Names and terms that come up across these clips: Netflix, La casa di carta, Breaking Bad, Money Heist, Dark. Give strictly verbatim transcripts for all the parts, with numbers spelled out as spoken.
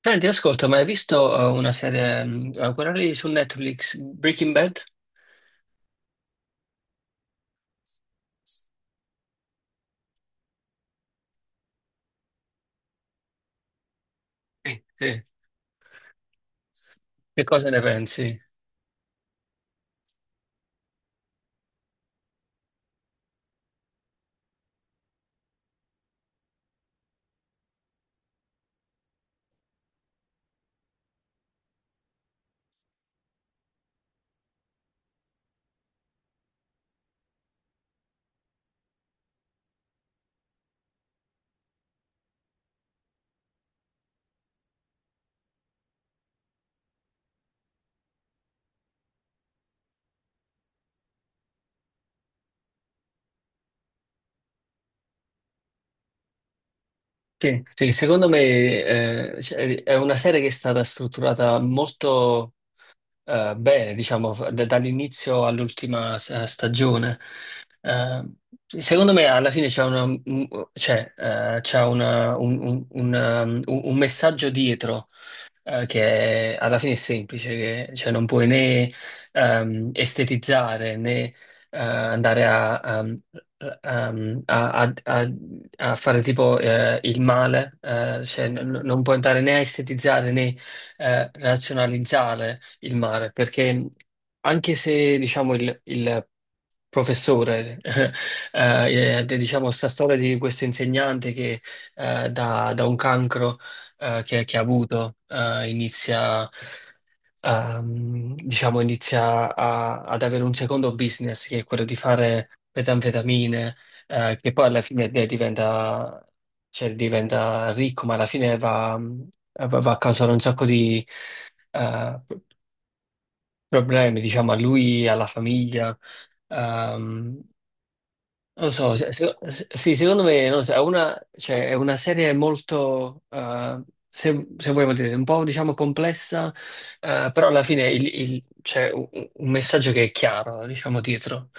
Senti, ascolta, ma hai visto eh, una serie, mm, eh, quella lì su Netflix, Breaking Bad? Sì, sì. Che cosa ne pensi? Sì, sì, secondo me eh, cioè, è una serie che è stata strutturata molto eh, bene, diciamo, f- da- dall'inizio all'ultima s- eh, stagione. Eh, secondo me alla fine c'è una, un- c'è, eh, c'è una- un, un- un, um, un- un messaggio dietro eh, che alla fine è semplice, che, cioè non puoi né ehm, estetizzare né eh, andare a, a- ehm, a- a- a- a fare tipo eh, il male, eh, cioè n- non puoi andare né a estetizzare né eh, razionalizzare il male, perché anche se diciamo il, il professore, eh, eh, diciamo sta storia di questo insegnante che eh, da, da un cancro eh, che, che ha avuto, eh, inizia, ehm, diciamo, inizia a- ad avere un secondo business che è quello di fare metanfetamine, eh, che poi alla fine de- diventa, cioè, diventa ricco, ma alla fine va, va- va a causare un sacco di eh, problemi, diciamo, a lui, alla famiglia. Ehm, non lo so, se- se- se- sì, secondo me non lo so, è una, cioè, è una serie molto, eh, se, se vogliamo dire, un po' diciamo complessa, eh, però alla fine il- il- c'è un, un messaggio che è chiaro, diciamo, dietro.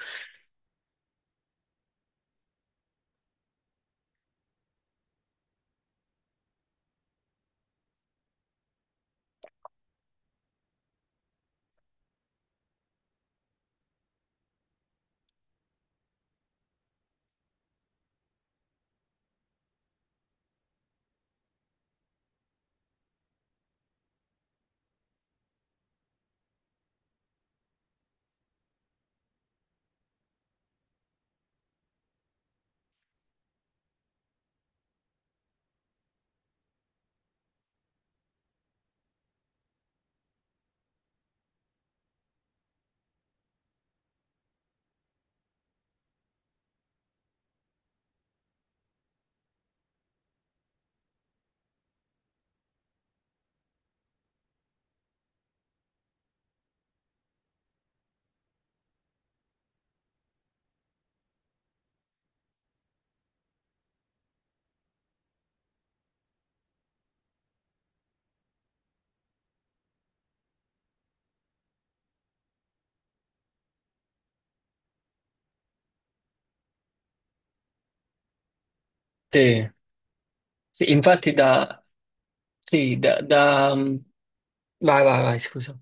Sì, sì, infatti da... Sì, da, da- Vai, vai, vai, scusa, un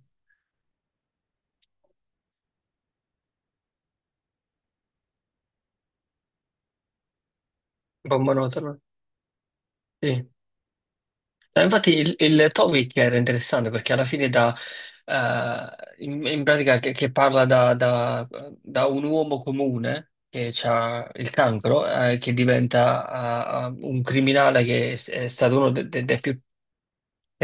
po' monotono. Sì. No, infatti il, il topic era interessante perché alla fine da, eh, in, in pratica che, che parla da, da- da un uomo comune che ha il cancro, eh, che diventa eh, un criminale che è, è stato uno de- de- dei più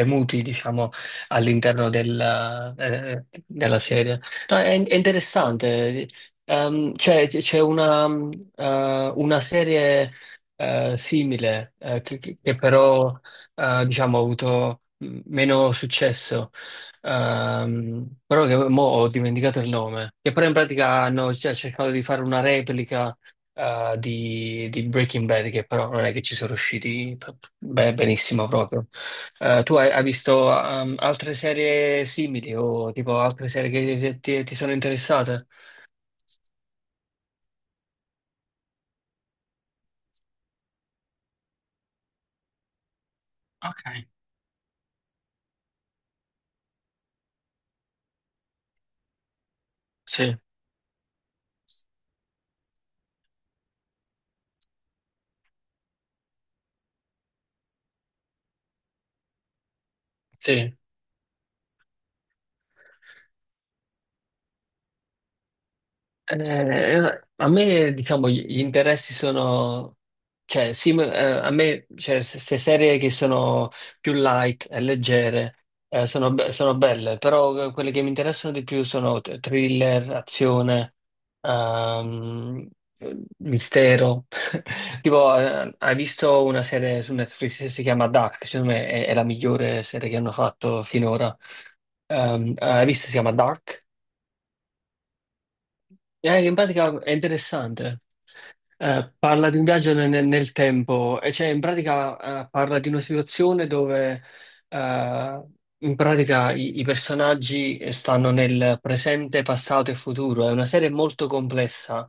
muti, diciamo, all'interno del, eh, della serie. No, è, è interessante. Ehm, c'è c'è una, mh, eh, una serie eh, simile eh, che, che- che però eh, diciamo, ha avuto mh, meno successo, Ehm, però che mo ho dimenticato il nome, che però in pratica hanno cioè, cercato di fare una replica eh, di, di Breaking Bad, che però non è che ci sono riusciti p- be- benissimo proprio. Eh, tu hai, hai visto ehm, altre serie simili o tipo altre serie che ti, ti sono interessate? Ok. Sì, sì. Eh, a me, diciamo, gli gli interessi sono, cioè, sì, ma, eh, a me, cioè, queste serie che sono più light e leggere, eh, sono, be- sono belle, però eh, quelle che mi interessano di più sono t- thriller, azione, ehm, mistero. Tipo, eh, hai visto una serie su Netflix che si chiama Dark? Secondo me è, è la migliore serie che hanno fatto finora. Ehm, hai visto? Si chiama Dark? Eh, in pratica è interessante. Eh, parla di un viaggio ne- nel tempo, e cioè in pratica eh, parla di una situazione dove eh, in pratica i, i personaggi stanno nel presente, passato e futuro. È una serie molto complessa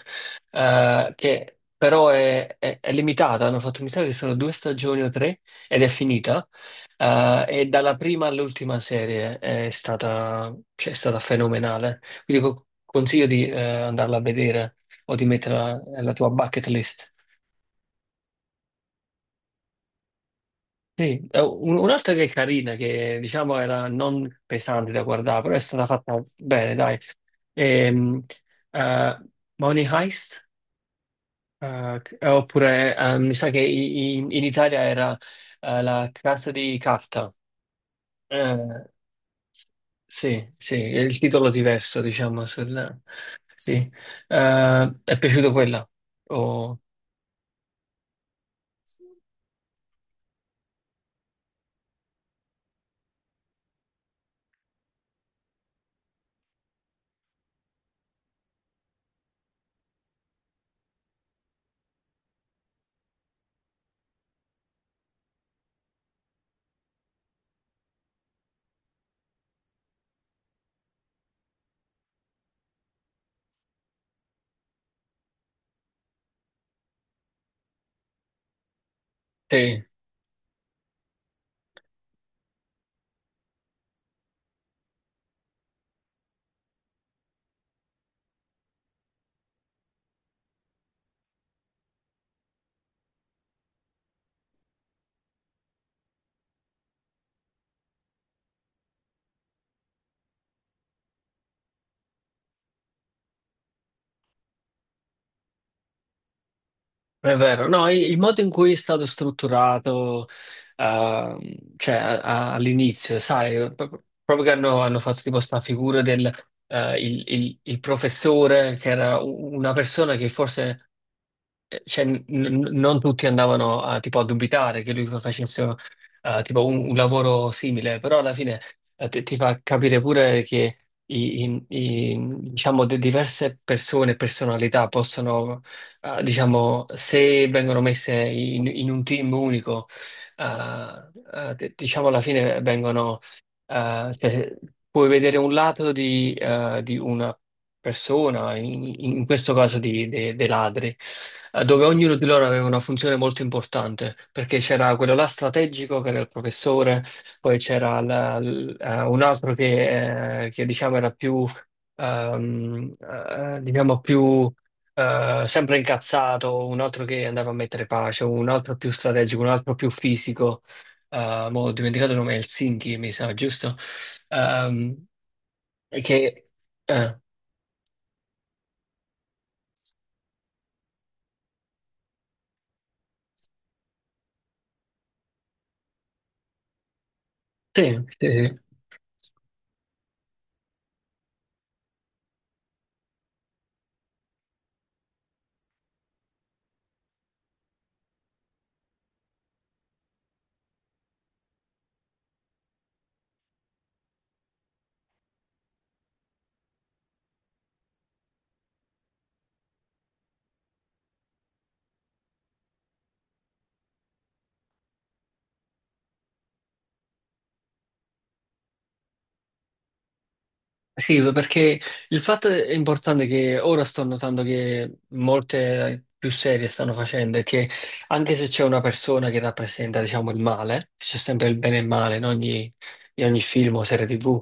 eh, che però è, è- è limitata. Hanno fatto, mi sa che sono due stagioni o tre ed è finita. Eh, e dalla prima all'ultima serie è stata, cioè, è stata fenomenale. Quindi co- consiglio di eh, andarla a vedere o di metterla nella tua bucket list. Sì, eh, un- un'altra che è carina, che diciamo era non pesante da guardare, però è stata fatta bene, dai. Ehm, eh, Money Heist, eh, c- oppure eh, mi sa che i- i- in Italia era eh, La casa di carta. Eh, sì, sì, è il titolo diverso, diciamo. sul- sì. Eh, è piaciuto quella? O- sì. È vero, no, il il modo in cui è stato strutturato, ehm, cioè a- a- all'inizio, sai, eh, pro- proprio che hanno, hanno fatto tipo sta figura del eh, il, il- il professore, che era u- una persona che forse eh, cioè, n- n- non tutti andavano a, tipo, a dubitare che lui facesse eh, tipo un, un lavoro simile, però alla fine eh, ti, ti fa capire pure che i- i- i- diciamo, di- diverse persone, e personalità possono, eh, diciamo, se vengono messe in, in un team unico, eh, eh, d- diciamo alla fine vengono, eh, cioè, puoi vedere un lato di, eh, di una persona, in, in questo caso di- de- dei ladri, eh, dove ognuno di loro aveva una funzione molto importante, perché c'era quello là strategico che era il professore, poi c'era la- l- eh, un altro che, eh, che, diciamo era più, ehm, eh, diciamo più eh, sempre incazzato, un altro che andava a mettere pace, un altro più strategico, un altro più fisico. eh, mo ho dimenticato il nome, Helsinki, mi sa, giusto? Ehm, che, eh, Sì, sì, sì. Sì, perché il fatto è importante che ora sto notando che molte più serie stanno facendo è che anche se c'è una persona che rappresenta, diciamo, il male, c'è sempre il bene e il male in ogni, in ogni film o serie T V,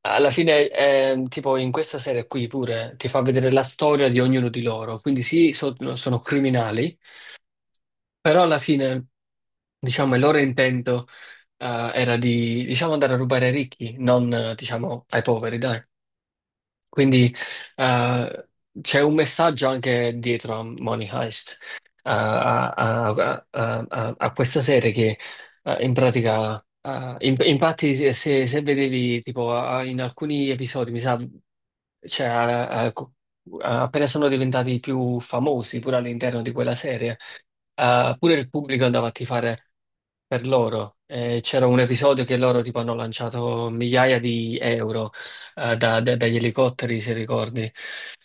alla fine, eh, tipo in questa serie qui pure ti fa vedere la storia di ognuno di loro, quindi sì, so- no, sono criminali, però alla fine, diciamo, il loro intento eh, era di, diciamo, andare a rubare ai ricchi, non, eh, diciamo, ai poveri, dai. Quindi eh, c'è un messaggio anche dietro a Money Heist, eh, a, a- a- a- a questa serie che eh, in pratica, eh, in- infatti se, se- se vedevi tipo a- in alcuni episodi, mi sa, cioè, a- a- co- a- appena sono diventati più famosi pure all'interno di quella serie, eh, pure il pubblico andava a tifare per loro. Eh, c'era un episodio che loro tipo hanno lanciato migliaia di euro eh, da- da- dagli elicotteri, se ricordi.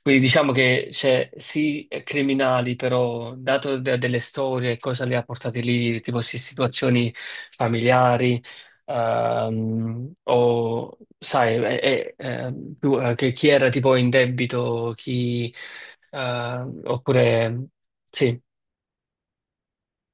Quindi diciamo che c'è sì eh, criminali, però dato de- delle storie, cosa li ha portati lì, tipo sì, situazioni familiari, ehm, o sai, eh, eh, ehm, tu- eh, che chi era tipo in debito, chi, eh, oppure sì.